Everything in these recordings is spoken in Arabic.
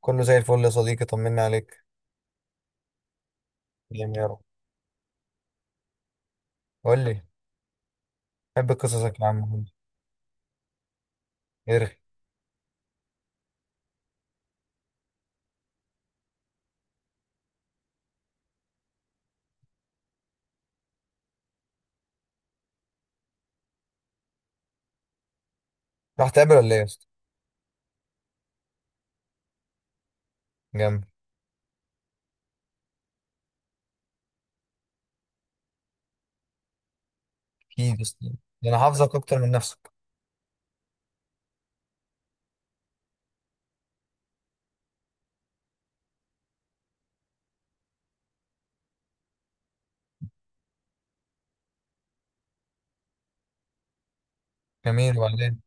كله زي الفل يا صديقي، طمنا عليك. جامد يا رب. قول لي. بحب قصصك يا عم، قول لي ارغي. رحت تقابل ولا ايه يا اسطى؟ جامد. اكيد يا اسطى، ده انا حافظك اكتر من نفسك. جميل، وبعدين؟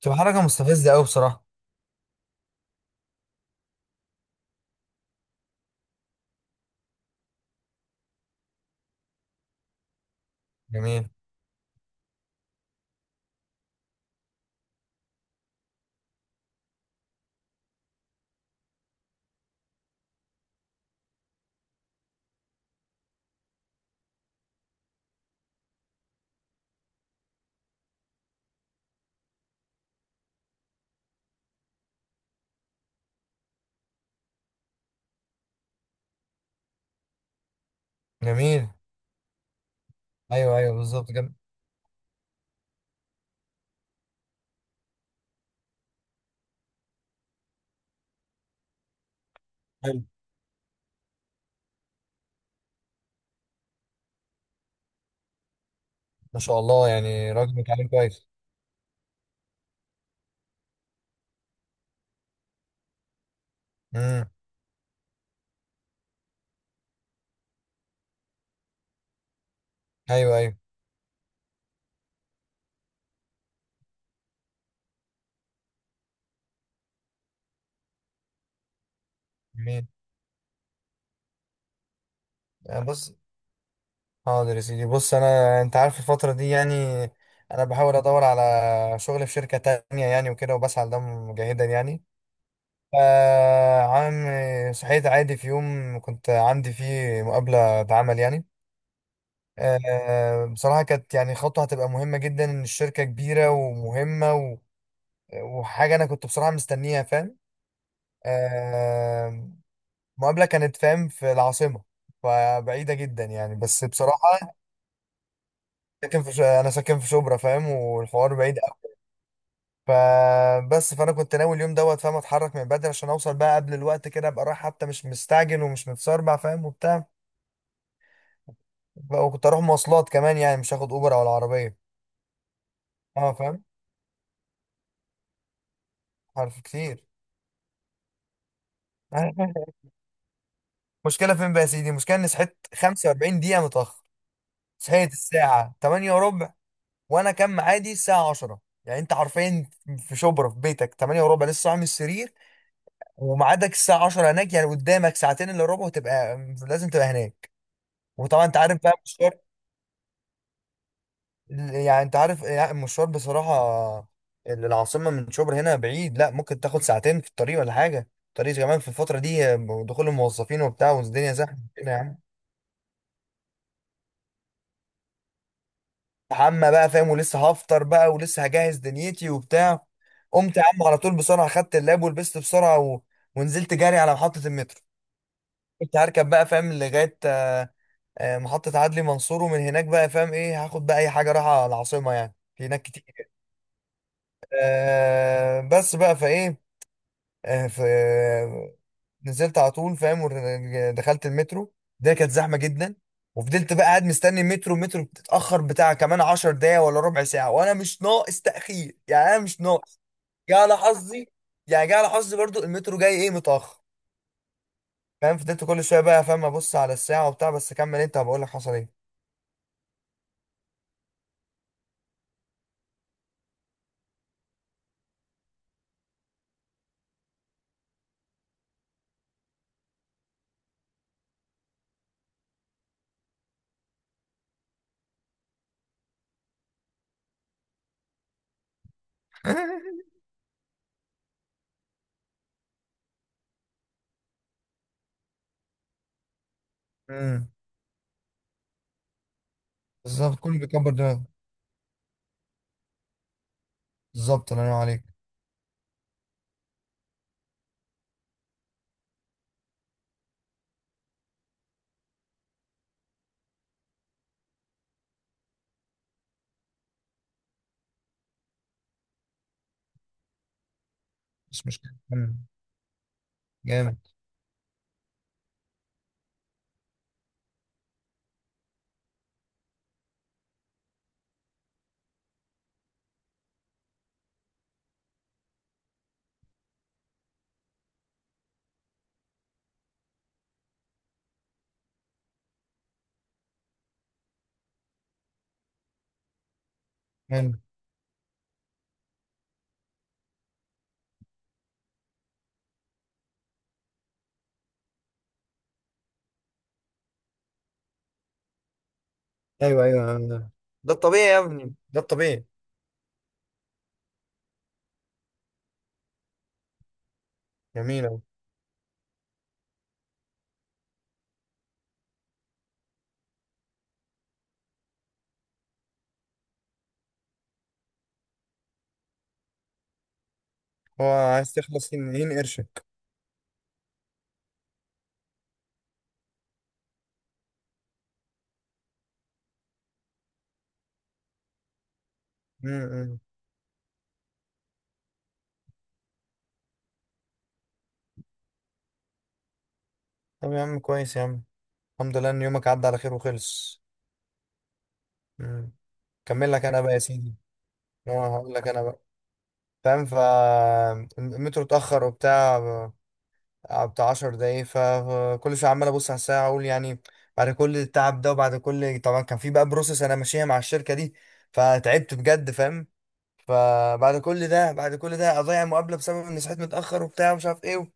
تبقى حركه مستفزه قوي بصراحه. جميل. جميل. ايوه ايوه بالظبط، جامد. حلو. ما شاء الله، يعني راجل متعلم كويس. امم. ايوه ايوه. جميل. يعني بص، حاضر يا سيدي، بص انا انت عارف الفتره دي يعني انا بحاول ادور على شغل في شركه تانية يعني وكده، وبسعى لده مجاهدا يعني. آه عم، صحيت عادي في يوم كنت عندي فيه مقابلة عمل يعني. آه بصراحة كانت يعني خطوة هتبقى مهمة جدا، إن الشركة كبيرة ومهمة و... وحاجة أنا كنت بصراحة مستنيها، فاهم. آه مقابلة كانت فاهم في العاصمة، فبعيدة جدا يعني بس بصراحة. ساكن في أنا ساكن في شبرا، فاهم، والحوار بعيد أوي. فبس فأنا كنت ناوي اليوم دوت، فاهم، أتحرك من بدري عشان أوصل بقى قبل الوقت كده، أبقى رايح حتى مش مستعجل ومش متسربع، فاهم وبتاع. وكنت اروح مواصلات كمان، يعني مش هاخد اوبر او العربيه. اه فاهم. عارف كتير. مشكله فين بقى يا سيدي؟ المشكله اني صحيت 45 دقيقه متاخر. صحيت الساعه 8 وربع، وانا كان ميعادي الساعه 10. يعني انت حرفيا في شبرا في بيتك 8 وربع لسه صاحي من السرير، وميعادك الساعه 10 هناك، يعني قدامك ساعتين الا ربع وتبقى لازم تبقى هناك، وطبعا انت عارف بقى. يعني انت عارف، يعني المشوار بصراحة العاصمة من شبرا هنا بعيد، لا ممكن تاخد ساعتين في الطريق ولا حاجة، الطريق كمان في الفترة دي دخول الموظفين وبتاع، والدنيا زحمة كده يا عم. حمى بقى فاهم، ولسه هفطر بقى ولسه هجهز دنيتي وبتاع. قمت يا عم على طول بسرعة، خدت اللاب ولبست بسرعة و... ونزلت جري على محطة المترو. كنت هركب بقى فاهم لغاية محطة عدلي منصور، ومن هناك بقى فاهم ايه هاخد بقى أي حاجة رايحة العاصمة، يعني في هناك كتير. بس بقى فايه، آه، ف نزلت على طول فاهم، دخلت المترو. ده كانت زحمه جدا. وفضلت بقى قاعد مستني المترو، المترو بتتاخر بتاع كمان 10 دقايق ولا ربع ساعه، وانا مش ناقص تاخير يعني، انا مش ناقص. جه على حظي، يعني جه على حظي برضو المترو جاي ايه متاخر. فاهم، فضلت كل شويه بقى فاهم ابص على الساعه وبتاع، بس كمل انت هبقول لك حصل ايه. امم. بالظبط، كله بيكبر دماغه. بالظبط، الله ينور عليك. مش مشكله. مم. جامد. حلو. ايوه ايوه، أيوة. ده الطبيعي يا ابني، ده الطبيعي. جميل أوي. هو عايز تخلص، ينقرشك. امم. طب يا عم كويس يا عم، الحمد لله ان يومك عدى على خير وخلص. امم. كمل لك انا بقى يا سيدي، اه هقول لك انا بقى. فاهم، المترو اتاخر وبتاع، بتاع 10 دقايق، فكل شويه عمال ابص على الساعه اقول يعني. بعد كل التعب ده، وبعد كل طبعا كان في بقى بروسس انا ماشيها مع الشركه دي، فتعبت بجد فاهم. فبعد كل ده بعد كل ده اضيع مقابله بسبب اني صحيت متاخر وبتاع ومش عارف ايه.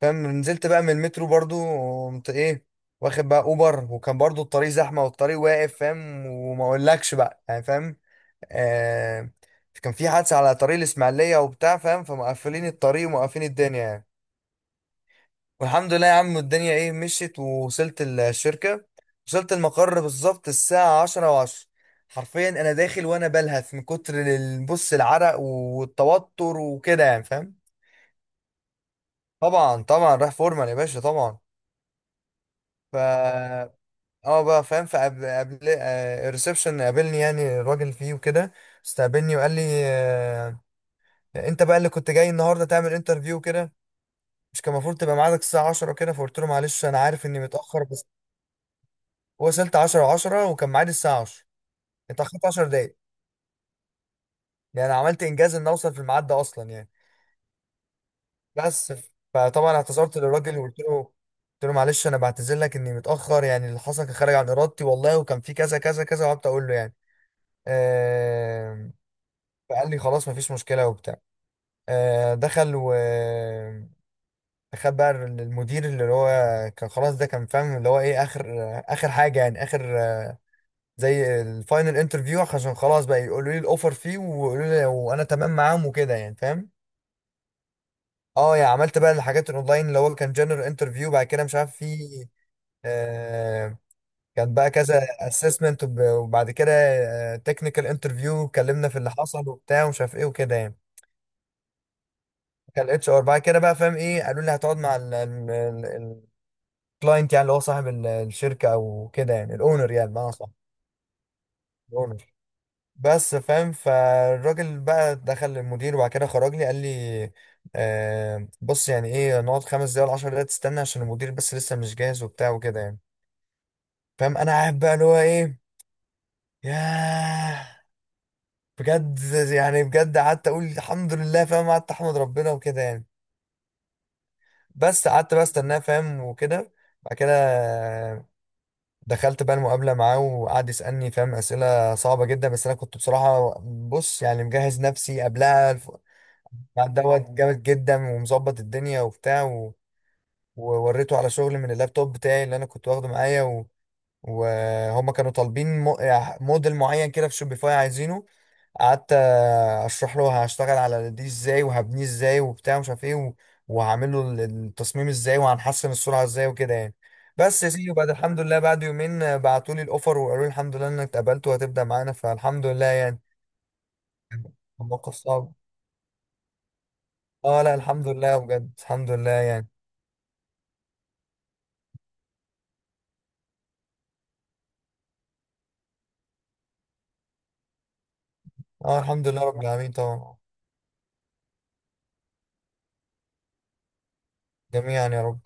فاهم، نزلت بقى من المترو برضو، قمت ايه واخد بقى اوبر، وكان برضو الطريق زحمه والطريق واقف فاهم، وما اقولكش بقى يعني، فاهم. آه كان في حادثه على طريق الاسماعيليه وبتاع فاهم، فمقفلين الطريق ومقفلين الدنيا يعني. والحمد لله يا عم الدنيا ايه مشيت ووصلت الشركه. وصلت المقر بالظبط الساعه 10:10، حرفيا انا داخل وانا بلهث من كتر بص العرق والتوتر وكده يعني، فاهم. طبعا طبعا رايح فورمال يا باشا، طبعا. ف اه بقى فاهم، فقبل الريسبشن قابلني، يعني الراجل فيه وكده. استقبلني وقال لي: آه، انت بقى اللي كنت جاي النهارده تعمل انترفيو كده، مش كان المفروض تبقى ميعادك الساعه 10 كده؟ فقلت له: معلش، انا عارف اني متاخر، بس وصلت 10:10 وكان ميعادي الساعه 10. اتاخرت 10 دقايق، يعني انا عملت انجاز ان اوصل في الميعاد ده اصلا يعني. بس فطبعا اعتذرت للراجل وقلت له، قلت له: معلش انا بعتذر لك اني متاخر، يعني اللي حصل كان خارج عن ارادتي والله، وكان في كذا كذا كذا، وقعدت اقول له يعني. فقال لي: خلاص، مفيش مشكلة وبتاع. دخل و خد بقى المدير، اللي هو كان خلاص، ده كان فاهم اللي هو ايه، اخر، حاجة يعني، اخر زي الفاينل انترفيو، عشان خلاص بقى يقولوا لي الاوفر فيه ويقولوا لي، وانا تمام معاهم وكده يعني، فاهم. اه يعني عملت بقى الحاجات الاونلاين، اللي هو كان جنرال انترفيو، بعد كده مش عارف في. آه كان بقى كذا اسسمنت، وبعد كده تكنيكال انترفيو، اتكلمنا في اللي حصل وبتاع ومش عارف ايه وكده يعني. كان الاتش ار بعد كده بقى فاهم ايه، قالوا لي هتقعد مع الكلاينت، يعني اللي هو صاحب الشركه او كده، يعني الاونر يعني بمعنى صح، الاونر. بس فاهم، فالراجل بقى دخل للمدير وبعد كده خرج لي قال لي: بص يعني ايه، نقعد خمس دقايق ولا 10 دقايق تستنى عشان المدير بس لسه مش جاهز وبتاع وكده يعني. فاهم، انا قاعد بقى اللي هو ايه، ياه، بجد، يعني بجد قعدت اقول الحمد لله فاهم، قعدت احمد ربنا وكده يعني. بس قعدت بقى استناه فاهم وكده. بعد كده دخلت بقى المقابلة معاه، وقعد يسألني فاهم أسئلة صعبة جدا، بس أنا كنت بصراحة بص يعني مجهز نفسي قبلها، مع دوت جامد جدا ومظبط الدنيا وبتاع، و... ووريته على شغل من اللابتوب بتاعي اللي أنا كنت واخده معايا، و... وهما كانوا طالبين موديل معين كده في شوبيفاي عايزينه. قعدت اشرح له هشتغل على دي ازاي وهبنيه ازاي وبتاع مش عارف ايه، وهعمل له التصميم ازاي وهنحسن السرعه ازاي وكده يعني. بس يا سيدي، وبعد الحمد لله بعد يومين بعتوا لي الاوفر وقالوا لي الحمد لله انك اتقبلت وهتبدا معانا، فالحمد لله يعني. كان موقف صعب. اه لا، الحمد لله بجد، الحمد لله يعني. اه الحمد لله رب العالمين طبعا. جميعا يا رب.